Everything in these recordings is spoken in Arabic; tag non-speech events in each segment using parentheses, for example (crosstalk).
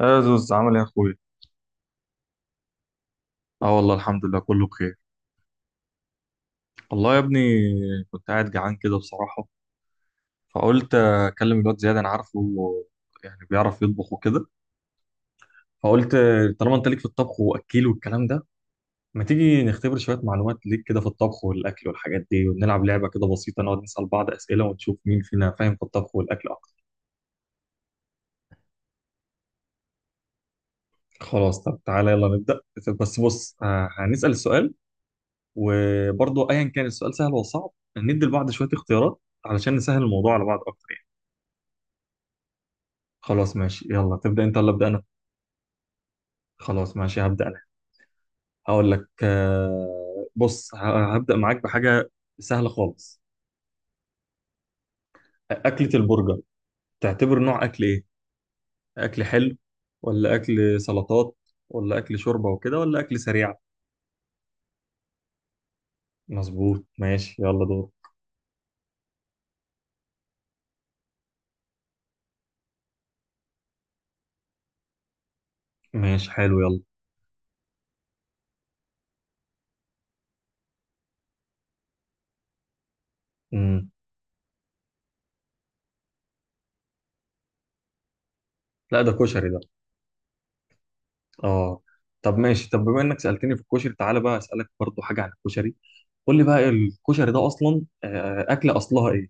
يا زوز عامل ايه يا اخويا؟ اه والله الحمد لله كله بخير، والله يا ابني. كنت قاعد جعان كده بصراحة. فقلت اكلم الواد زياد، انا عارفه يعني بيعرف يطبخ وكده. فقلت طالما انت ليك في الطبخ واكيل والكلام ده، ما تيجي نختبر شوية معلومات ليك كده في الطبخ والاكل والحاجات دي، ونلعب لعبة كده بسيطة نقعد نسأل بعض أسئلة ونشوف مين فينا فاهم في الطبخ والاكل اكتر. خلاص طب تعالى يلا نبدأ. بس بص، هنسأل السؤال. وبرضه ايا كان السؤال سهل ولا صعب، ندي لبعض شوية اختيارات علشان نسهل الموضوع على بعض اكتر. خلاص ماشي، يلا تبدأ انت ولا ابدأ انا؟ خلاص ماشي هبدأ انا. هقول لك، بص هبدأ معاك بحاجة سهلة خالص. أكلة البرجر تعتبر نوع أكل إيه؟ أكل حلو ولا أكل سلطات ولا أكل شوربة وكده ولا أكل سريع؟ مظبوط ماشي يلا دور. ماشي حلو يلا. مم. لا ده كشري ده. اه. طب ماشي، طب بما انك سألتني في الكشري تعالى بقى أسألك برضو حاجة عن الكشري. قول لي بقى الكشري ده أصلا، أكلة أصلها إيه؟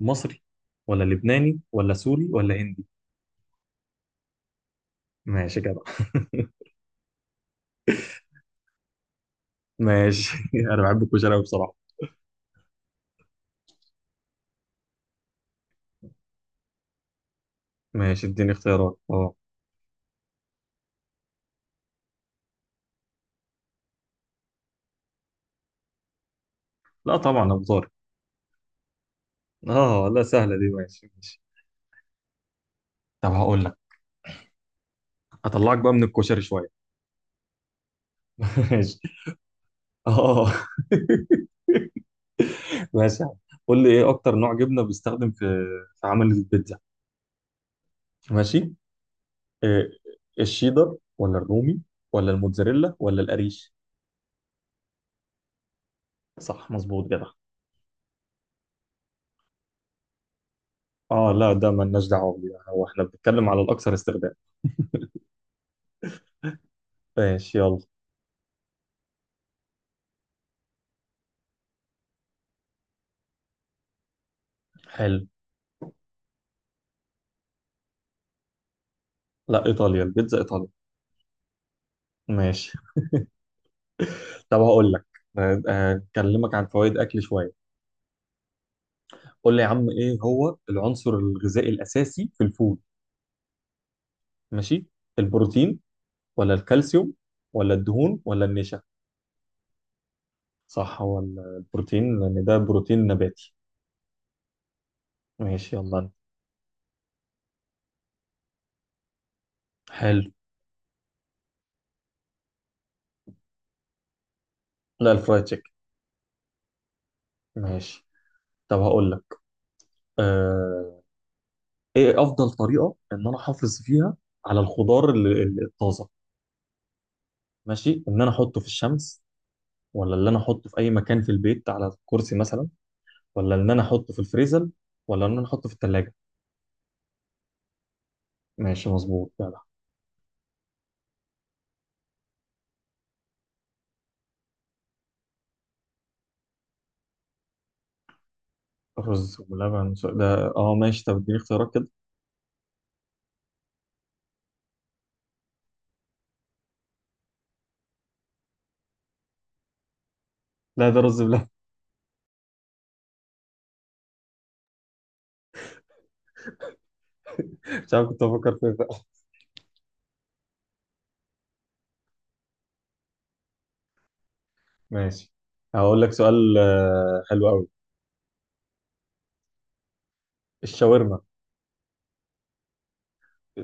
مصري ولا لبناني ولا سوري ولا هندي؟ ماشي كده. (laughs) ماشي (laughs) انا بحب الكشري أوي بصراحه. ماشي اديني اختيارات اه. لا طبعا ابو طارق. اه لا سهله دي، ماشي ماشي. طب هقول لك، اطلعك بقى من الكشري شويه. (laughs) ماشي. اه. (laughs) ماشي يا عم. قول لي ايه اكتر نوع جبنه بيستخدم في عمل البيتزا؟ ماشي إيه؟ الشيدر ولا الرومي ولا الموتزاريلا ولا القريش؟ صح مظبوط كده. اه لا ده مالناش دعوه بيه، هو احنا بنتكلم على الاكثر استخدام. ماشي يلا. حلو. لا ايطاليا، البيتزا ايطاليا. ماشي طب هقول لك، اكلمك عن فوائد اكل شويه. قول لي يا عم ايه هو العنصر الغذائي الاساسي في الفول؟ ماشي. البروتين ولا الكالسيوم ولا الدهون ولا النشا؟ صح، هو البروتين لان ده بروتين نباتي. ماشي يلا انت. حلو. لا الفرايد تشيكن. ماشي طب هقول لك، آه ايه افضل طريقه ان انا احافظ فيها على الخضار الطازه؟ ماشي، ان انا احطه في الشمس ولا اللي انا احطه في اي مكان في البيت على كرسي مثلا ولا ان انا احطه في الفريزر ولا ان انا احطه في الثلاجه؟ ماشي مظبوط جدع. رز ولبن ده. اه ماشي، طب اديني اختيارات كده. لا ده رز بلبن. (laughs) مش عارف كنت بفكر فيه بقى. (laughs) ماشي. هقول لك سؤال، حلو قوي. الشاورما،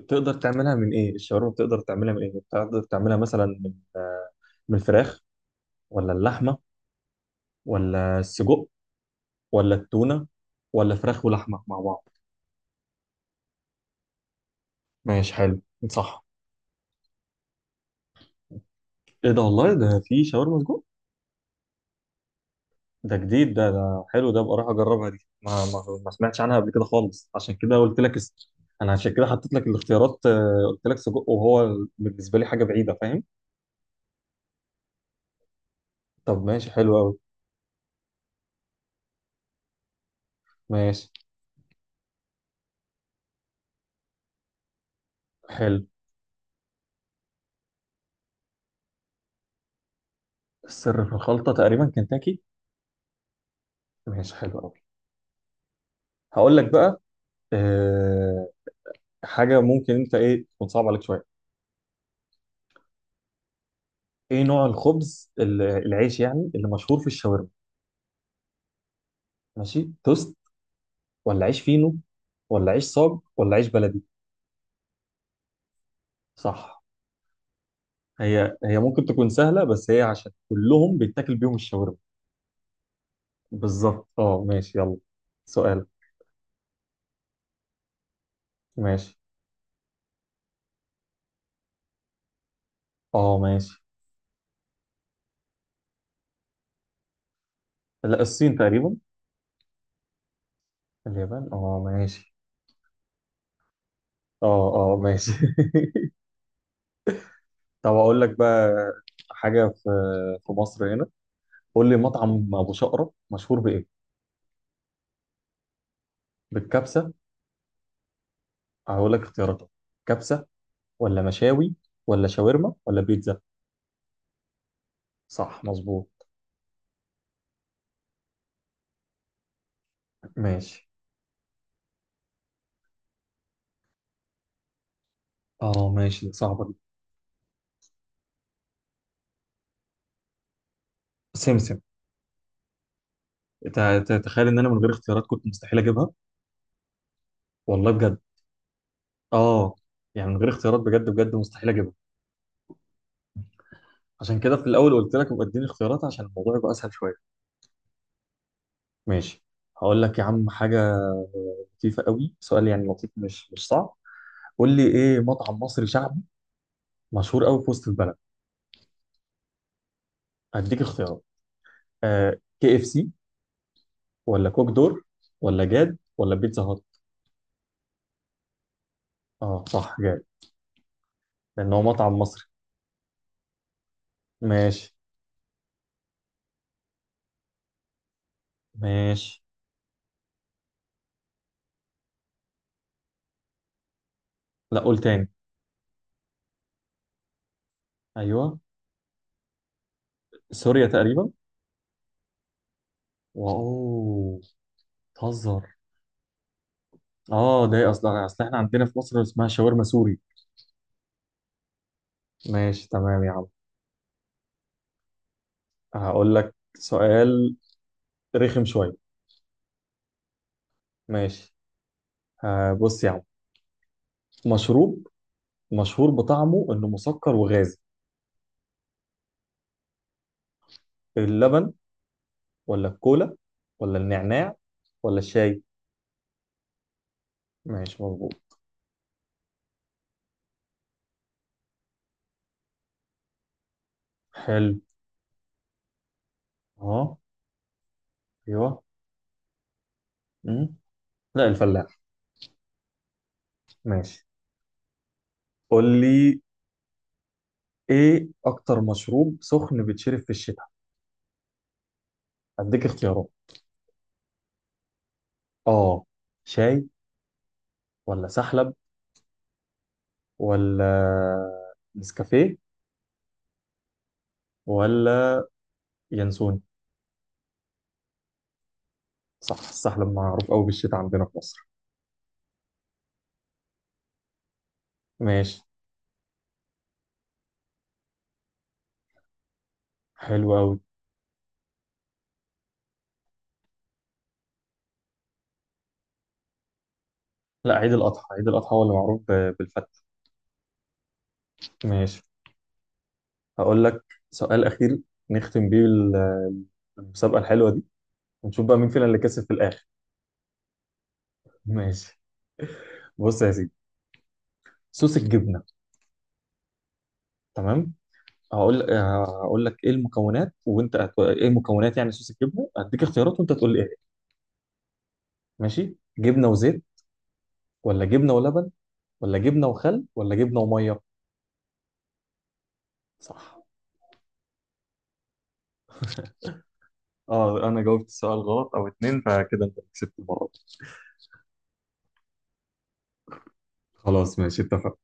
تقدر تعملها من ايه؟ الشاورما بتقدر تعملها من ايه؟ بتقدر تعملها مثلا من، من الفراخ ولا اللحمه ولا السجق ولا التونه ولا فراخ ولحمه مع بعض؟ ماشي حلو. صح. ايه ده، والله ده في شاورما سجق؟ ده جديد ده، ده حلو ده بقى، راح اجربها دي، ما سمعتش عنها قبل كده خالص، عشان كده قلت لك. انا عشان كده حطيت لك الاختيارات، قلت لك سجق وهو بالنسبه لي حاجه بعيده فاهم. طب ماشي حلو قوي. ماشي حلو. السر في الخلطه تقريبا كنتاكي. ماشي حلو قوي. هقول لك بقى أه... حاجه ممكن انت ايه تكون صعبه عليك شويه. ايه نوع الخبز العيش يعني اللي مشهور في الشاورما؟ ماشي توست ولا عيش فينو ولا عيش صاج ولا عيش بلدي؟ صح. هي هي ممكن تكون سهلة، بس هي عشان كلهم بيتاكل بيهم الشاورما. بالظبط اه ماشي يلا. سؤال. ماشي اه ماشي. لا الصين تقريبا. اليابان اه ماشي. اه اه ماشي (laughs) طب اقول لك بقى حاجة في مصر هنا. قول لي مطعم ابو شقرة مشهور بايه؟ بالكبسة. هقول لك اختياراتها. كبسة ولا مشاوي ولا شاورما ولا بيتزا؟ صح مظبوط. ماشي، اه ماشي صعبة دي. سمسم. تخيل ان انا من غير اختيارات كنت مستحيل اجيبها، والله بجد. اه. يعني من غير اختيارات بجد بجد مستحيل اجيبها. عشان كده في الاول قلت لك ابقى اديني اختيارات عشان الموضوع يبقى اسهل شويه. ماشي. هقول لك يا عم حاجه لطيفه قوي، سؤال يعني لطيف مش صعب. قول لي ايه مطعم مصري شعبي مشهور قوي في وسط البلد؟ هديك اختيارات. كي اف سي ولا كوك دور ولا جاد ولا بيتزا هات؟ اه صح جاد. لان هو مطعم مصري. ماشي ماشي. لا قول تاني. ايوه سوريا تقريبا. واو، بتهزر. اه، ده ايه، اصل احنا عندنا في مصر اسمها شاورما سوري. ماشي تمام يا عم. هقول لك سؤال رخم شويه. ماشي، بص يا عم. مشروب مشهور بطعمه انه مسكر وغازي. اللبن ولا الكولا ولا النعناع ولا الشاي؟ ماشي مظبوط. حلو اه ايوه. مم. لا الفلاح. ماشي، قول لي ايه اكتر مشروب سخن بيتشرب في الشتاء؟ اديك اختيارات. اه، شاي ولا سحلب ولا نسكافيه ولا ينسون؟ صح، السحلب معروف قوي بالشتاء عندنا في مصر. ماشي حلو قوي. لا عيد الأضحى، عيد الأضحى هو اللي معروف بالفتة. ماشي، هقول لك سؤال أخير نختم بيه المسابقة الحلوة دي، ونشوف بقى مين فينا اللي كسب في الآخر. ماشي. بص يا سيدي، صوص الجبنة. تمام. هقول لك ايه المكونات، وانت ايه مكونات يعني صوص الجبنه، هديك اختيارات وانت تقول لي ايه. ماشي، جبنه وزيت ولا جبنه ولبن ولا جبنه وخل ولا جبنه وميه؟ صح. اه، انا جاوبت السؤال غلط او اتنين، فكده انت كسبت المره دي. خلاص ماشي اتفق.